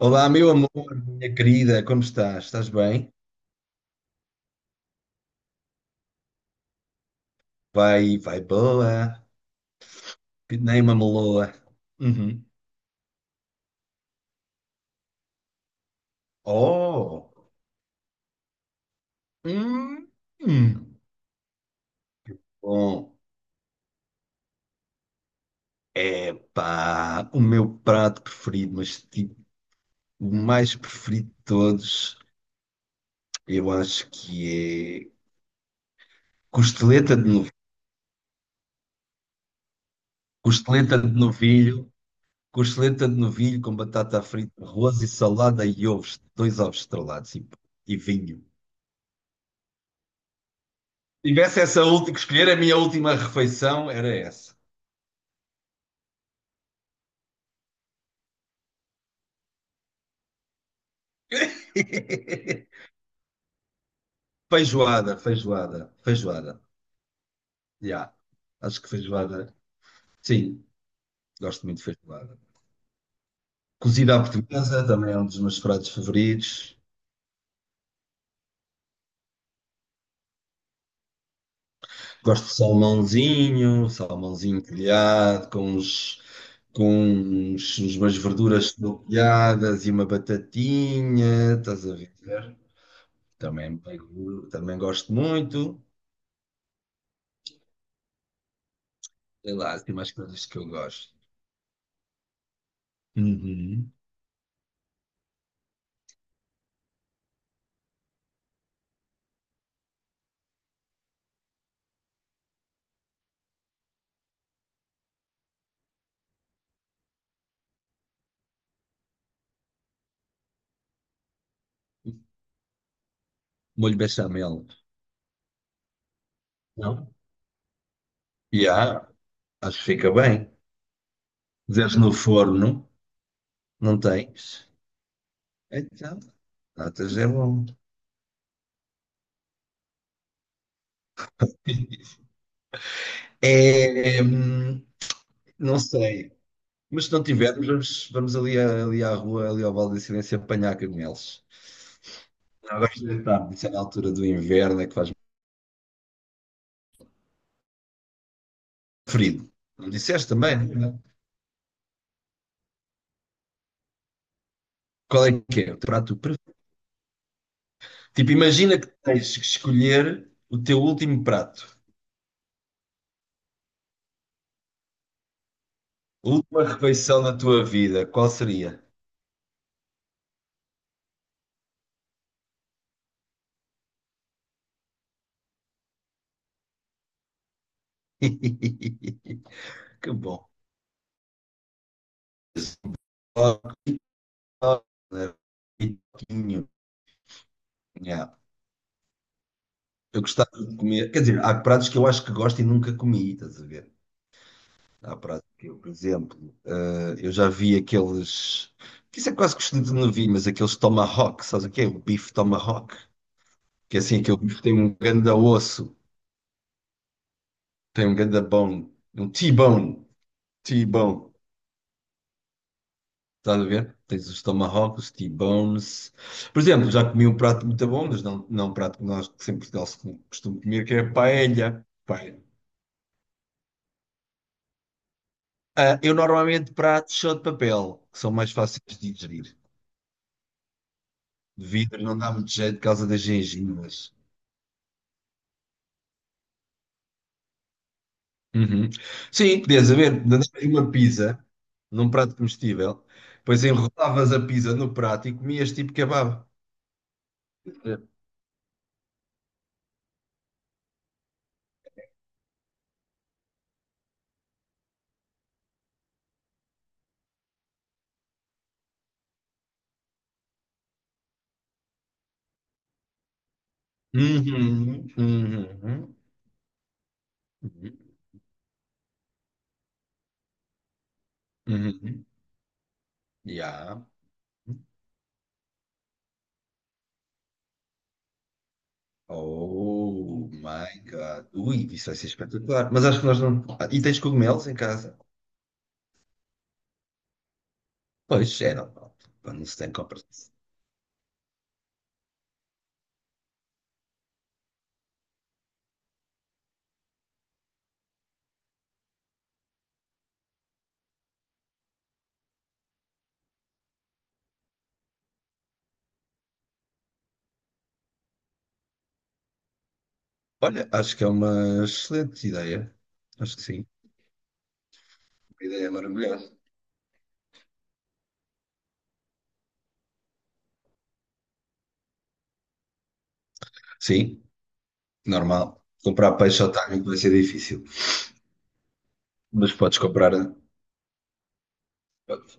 Olá, meu amor, minha querida, como estás? Estás bem? Vai boa, que nem uma meloa. Uhum. Oh! Hum, hum. Bom, pá, o meu prato preferido, mas tipo, o mais preferido de todos, eu acho que é costeleta de novilho. Costeleta de novilho, costeleta de novilho com batata frita, arroz e salada e ovos, dois ovos estrelados e vinho. Tivesse essa última que escolher, a minha última refeição era essa. Feijoada, feijoada, feijoada. Já, acho que feijoada. Sim, gosto muito de feijoada. Cozida à portuguesa também é um dos meus pratos favoritos. Gosto de salmãozinho, salmãozinho grelhado, com uns, umas verduras estopeadas e uma batatinha, estás a ver? Também, também gosto muito. Sei lá, tem mais coisas que eu gosto. Uhum. Molho bechamel. Não? E há, acho que fica bem. Desde no forno, não tens. Então, natas é bom. É, não sei. Mas se não tivermos, vamos ali, ali à rua, ali ao Vale da Silêncio, apanhar cogumelos. Não, agora já está. Isso é na altura do inverno, é que faz frio. Não disseste também? Né? Qual é que é o teu prato preferido? Tipo, imagina que tens que escolher o teu último prato, a última refeição da tua vida. Qual seria? Que bom. Né? Pitoquinho. Yeah. Eu gostava de comer. Quer dizer, há pratos que eu acho que gosto e nunca comi, estás a ver? Há pratos que eu, por exemplo, eu já vi aqueles. Que isso é quase costume de não vi, mas aqueles tomahawk, sabes o que é? O bife tomahawk. Que é assim, aquele bife tem um ganda osso, tem um ganda bone, um T-bone. T-bone. Estás a ver? Tens os tomahawks, T-bones. Por exemplo, já comi um prato muito bom, mas não um prato que nós que sempre em Portugal se com- costumo comer, que é a paella. Paella. Ah, eu normalmente prato só de papel, que são mais fáceis de digerir. De vidro não dá muito jeito por causa das gengivas. Uhum. Sim, podias haver mandavas uma pizza num prato comestível, depois enrolavas a pizza no prato e comias tipo kebab. Uhum, uhum, uhum, uhum. Yeah. Oh my God. Ui, isso vai ser espetacular. Mas acho que nós não. Ah, e tens cogumelos em casa? Pois, é normal. Quando não se tem compra. Olha, acho que é uma excelente ideia. Acho que sim. Uma ideia maravilhosa. Sim, normal. Comprar peixe ao timing vai ser difícil. Mas podes comprar. Podes.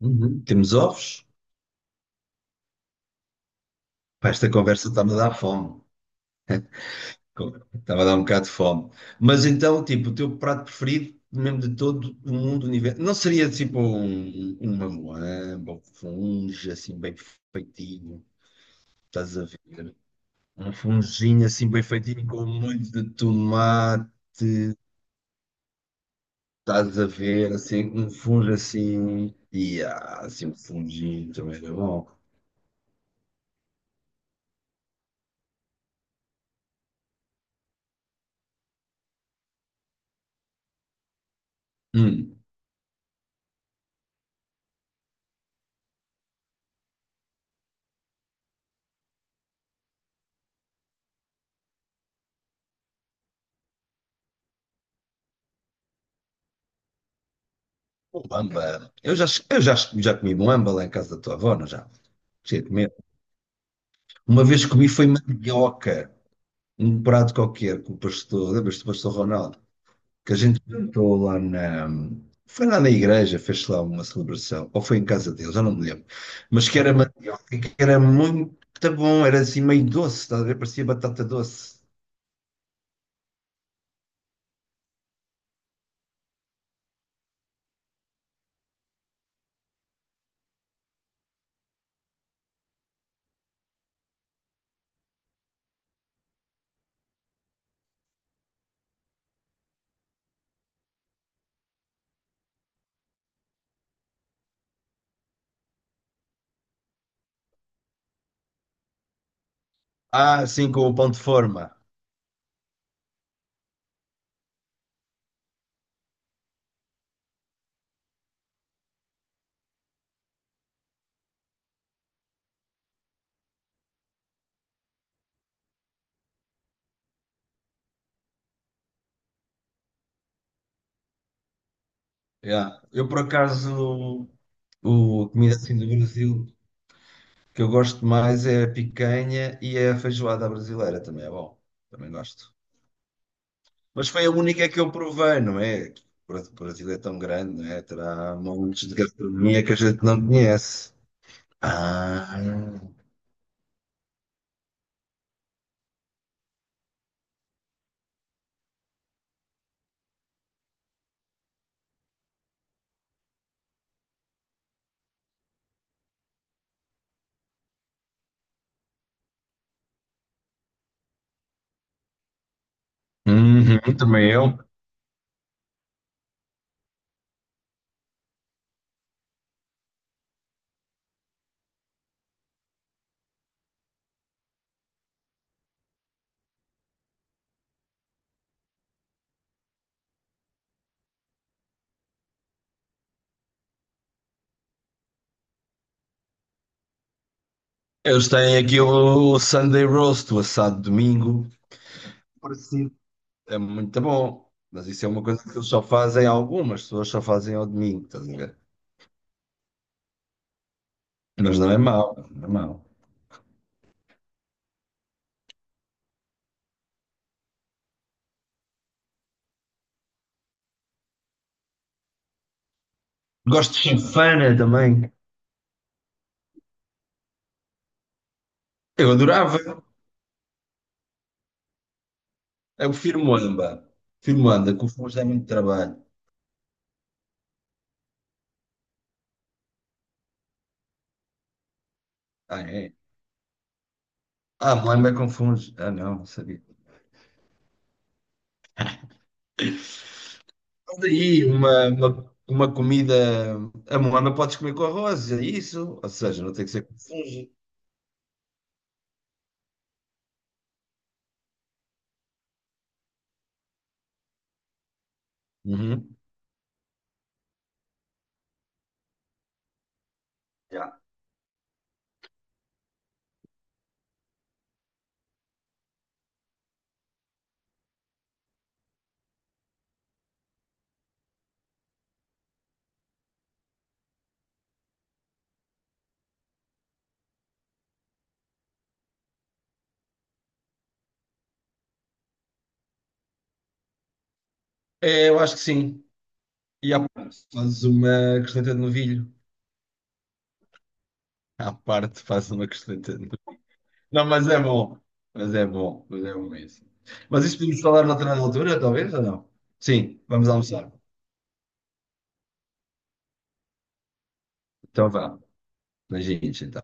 Uhum. Temos ovos? Pá, esta conversa está-me a dar fome. Estava a dar um bocado de fome. Mas então, tipo, o teu prato preferido, mesmo de todo o mundo, o universo, não seria tipo uma moamba, um funge assim bem feitinho, estás a ver? Um funginho assim bem feitinho com molho de tomate, estás a ver? Assim, um funge assim, e ah, assim, um funginho também era bom. Hum, moamba. Já comi moamba lá em casa da tua avó, não já? Cheio de medo. Uma vez comi foi mandioca. Um prato qualquer com o pastor, lembras-te do pastor Ronaldo? Que a gente cantou lá na. Foi lá na igreja, fez lá uma celebração, ou foi em casa deles, eu não me lembro. Mas que era mandioca, que era muito bom, era assim meio doce, estás a ver? Parecia batata doce. Ah, sim, com o pão de forma. Yeah. Eu, por acaso, a comida assim do Brasil que eu gosto mais é a picanha e é a feijoada brasileira, também é bom. Também gosto. Mas foi a única que eu provei, não é? O Brasil é tão grande, não é? Terá montes de gastronomia que a gente não conhece. Ah, uhum, também eu. Eles têm aqui o Sunday Roast, o assado de domingo. Parecido. É muito bom. Mas isso é uma coisa que eles só fazem, algumas pessoas só fazem ao domingo, estás a ver? Mas não é mau, não é mau. Gosto de chifana também. Eu adorava. Eu prefiro moamba. Prefiro moamba, que o fumo dá muito trabalho. Ah, é? Ah, moamba com fungos. Ah, não, não sabia. Mas aí, uma comida. A moamba podes comer com arroz, é isso? Ou seja, não tem que ser com fungo. Uhum. Já. É, eu acho que sim. E à parte, fazes uma costeleta de novilho. À parte, fazes uma costeleta de novilho. Não, mas é bom. Mas é bom. Mas é bom mesmo. Mas isso podemos falar noutra altura, talvez, ou não? Sim, vamos almoçar. Então vá. Beijinhos, então.